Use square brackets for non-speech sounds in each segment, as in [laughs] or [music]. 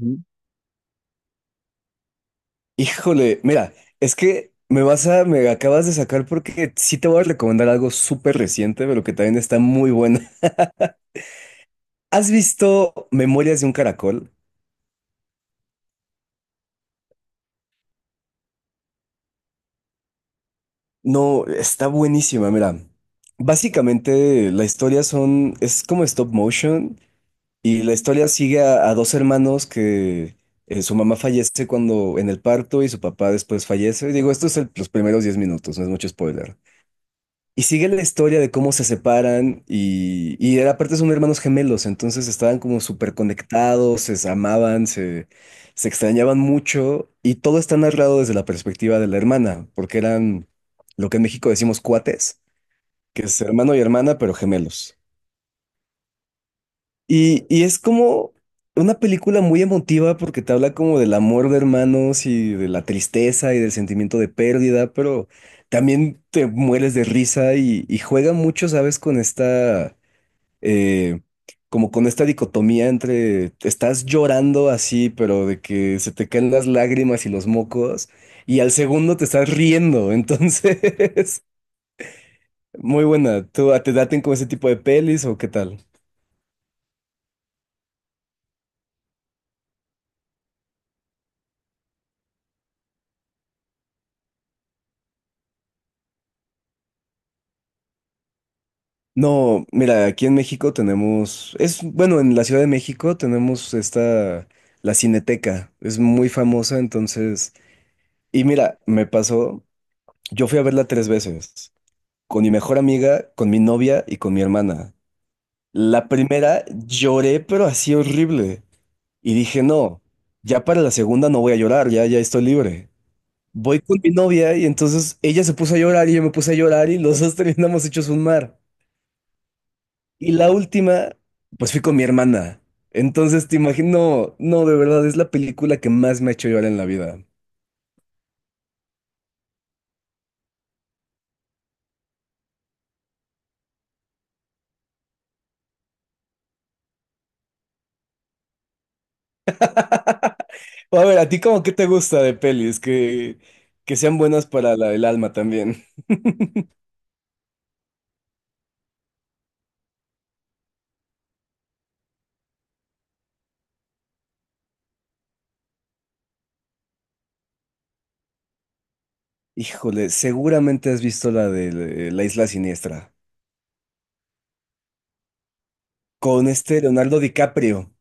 Ujú. Híjole, mira, es que me vas a, me acabas de sacar porque sí te voy a recomendar algo súper reciente, pero que también está muy bueno. [laughs] ¿Has visto Memorias de un Caracol? No, está buenísima, mira. Básicamente es como stop motion y la historia sigue a dos hermanos que su mamá fallece cuando en el parto y su papá después fallece. Digo, esto es los primeros 10 minutos, no es mucho spoiler. Y sigue la historia de cómo se separan aparte son hermanos gemelos, entonces estaban como súper conectados, se amaban, se extrañaban mucho y todo está narrado desde la perspectiva de la hermana, porque eran lo que en México decimos cuates, que es hermano y hermana, pero gemelos. Y es como una película muy emotiva porque te habla como del amor de hermanos y de la tristeza y del sentimiento de pérdida, pero también te mueres de risa y juega mucho, ¿sabes? Con esta, eh, como con esta dicotomía entre estás llorando así, pero de que se te caen las lágrimas y los mocos, y al segundo te estás riendo, entonces, [laughs] muy buena. ¿Tú te daten con ese tipo de pelis o qué tal? No, mira, aquí en México tenemos, es bueno, en la Ciudad de México tenemos esta, la Cineteca, es muy famosa, entonces, y mira, me pasó, yo fui a verla 3 veces, con mi mejor amiga, con mi novia y con mi hermana. La primera lloré, pero así horrible, y dije, no, ya para la segunda no voy a llorar, ya, ya estoy libre. Voy con mi novia y entonces ella se puso a llorar y yo me puse a llorar y los [laughs] dos terminamos hechos un mar. Y la última, pues fui con mi hermana. Entonces te imagino, no, de verdad, es la película que más me ha hecho llorar en la vida. O a ver, ¿a ti cómo qué te gusta de pelis? Que sean buenas para el alma también. Híjole, seguramente has visto la de La Isla Siniestra, con este Leonardo DiCaprio.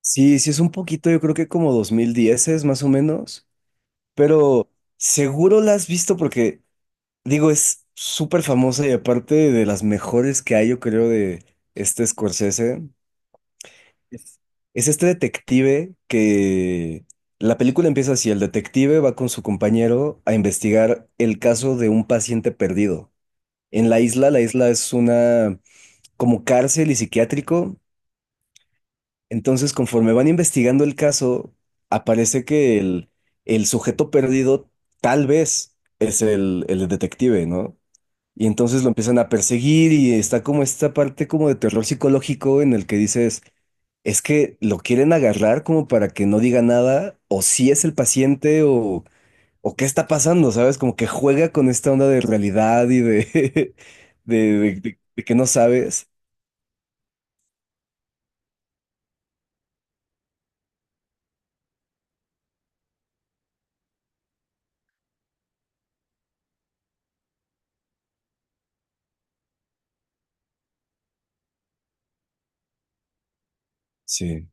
Sí, sí, es un poquito, yo creo que como 2010 es más o menos, pero seguro la has visto porque digo, es súper famosa y aparte de las mejores que hay, yo creo, de este Scorsese, es es este detective que la película empieza así, el detective va con su compañero a investigar el caso de un paciente perdido. En la isla es una como cárcel y psiquiátrico, entonces conforme van investigando el caso, aparece que el sujeto perdido tal vez es el detective, ¿no? Y entonces lo empiezan a perseguir y está como esta parte como de terror psicológico en el que dices, es que lo quieren agarrar como para que no diga nada, o si es el paciente, o qué está pasando, ¿sabes? Como que juega con esta onda de realidad y de, [laughs] de, de que no sabes. Sí.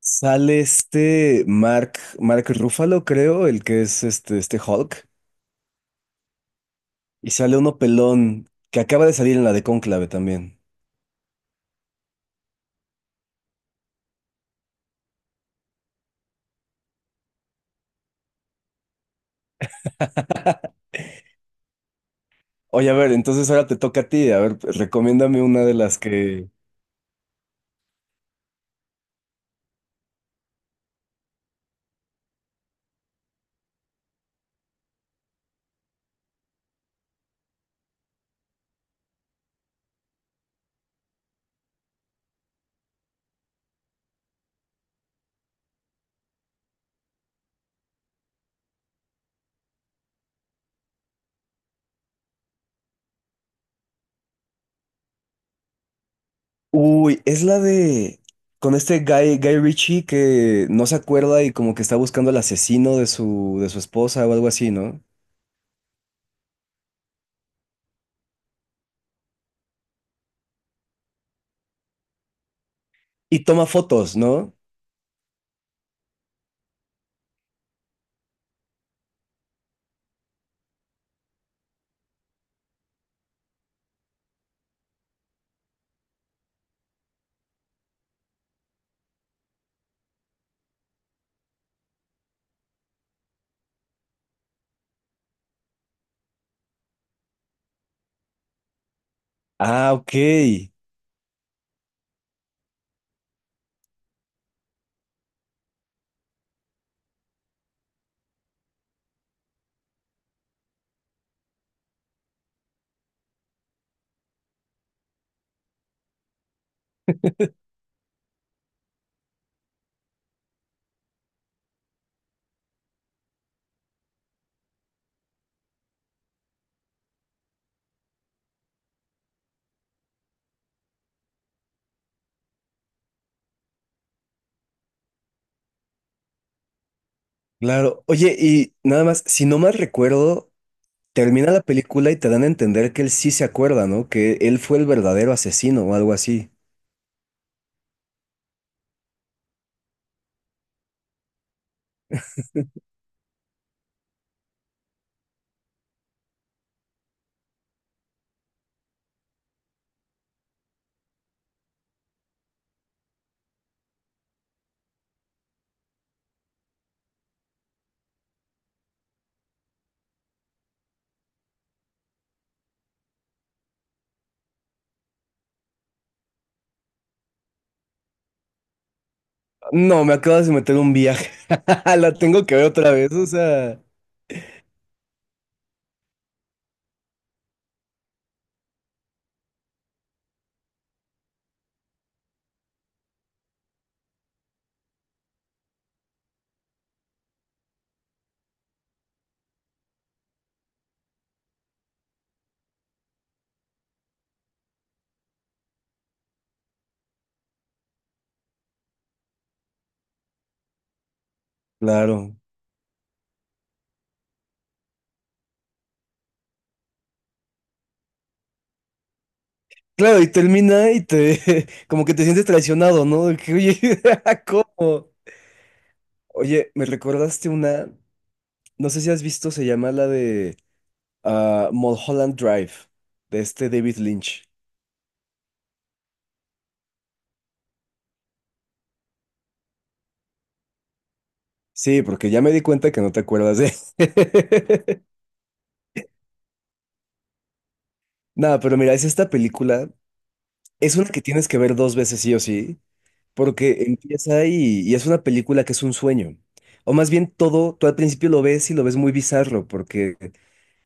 Sale este Mark, Mark Ruffalo, creo, el que es este, este Hulk, y sale uno pelón que acaba de salir en la de Cónclave también. Oye, a ver, entonces ahora te toca a ti. A ver, pues, recomiéndame una de las que. Uy, es la de. Con este Guy Ritchie que no se acuerda y como que está buscando al asesino de su esposa o algo así, ¿no? Y toma fotos, ¿no? Ah, ok. Claro. Oye, y nada más, si no mal recuerdo, termina la película y te dan a entender que él sí se acuerda, ¿no? Que él fue el verdadero asesino o algo así. No, me acabas de meter un viaje. [laughs] La tengo que ver otra vez, o sea. Claro. Claro, y termina y te, [laughs] como que te sientes traicionado, ¿no? De que, oye, [laughs] ¿cómo? Oye, me recordaste una, no sé si has visto, se llama la de ah, Mulholland Drive, de este David Lynch. Sí, porque ya me di cuenta que no te acuerdas de... [laughs] Nada, pero mira, es esta película, es una que tienes que ver 2 veces sí o sí, porque empieza y es una película que es un sueño. O más bien todo, tú al principio lo ves y lo ves muy bizarro, porque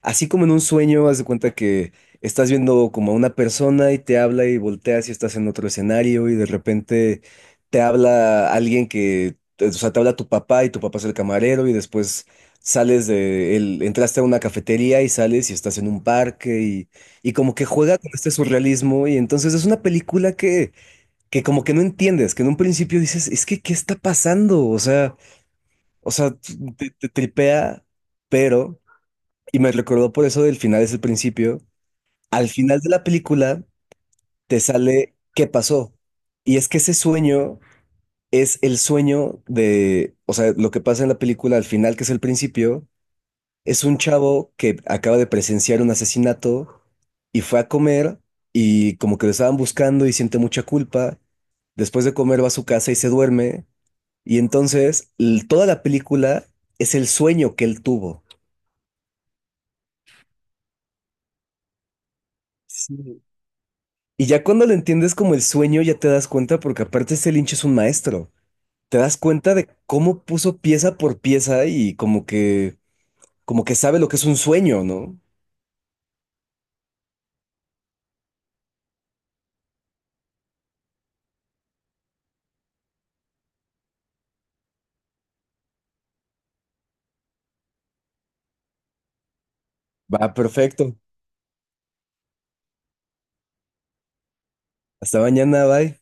así como en un sueño, haz de cuenta que estás viendo como a una persona y te habla y volteas y estás en otro escenario y de repente te habla alguien que, o sea, te habla tu papá y tu papá es el camarero y después sales de él, entraste a una cafetería y sales y estás en un parque y como que juega con este surrealismo y entonces es una película que como que no entiendes, que en un principio dices, es que, ¿qué está pasando? O sea, te tripea, pero... Y me recordó por eso del final es el principio. Al final de la película te sale qué pasó. Y es que ese sueño es el sueño de, o sea, lo que pasa en la película al final, que es el principio, es un chavo que acaba de presenciar un asesinato y fue a comer y como que lo estaban buscando y siente mucha culpa. Después de comer va a su casa y se duerme. Y entonces toda la película es el sueño que él tuvo. Sí. Y ya cuando lo entiendes como el sueño, ya te das cuenta, porque aparte este Lynch es un maestro. Te das cuenta de cómo puso pieza por pieza y como que sabe lo que es un sueño, ¿no? Va, perfecto. Hasta mañana, bye.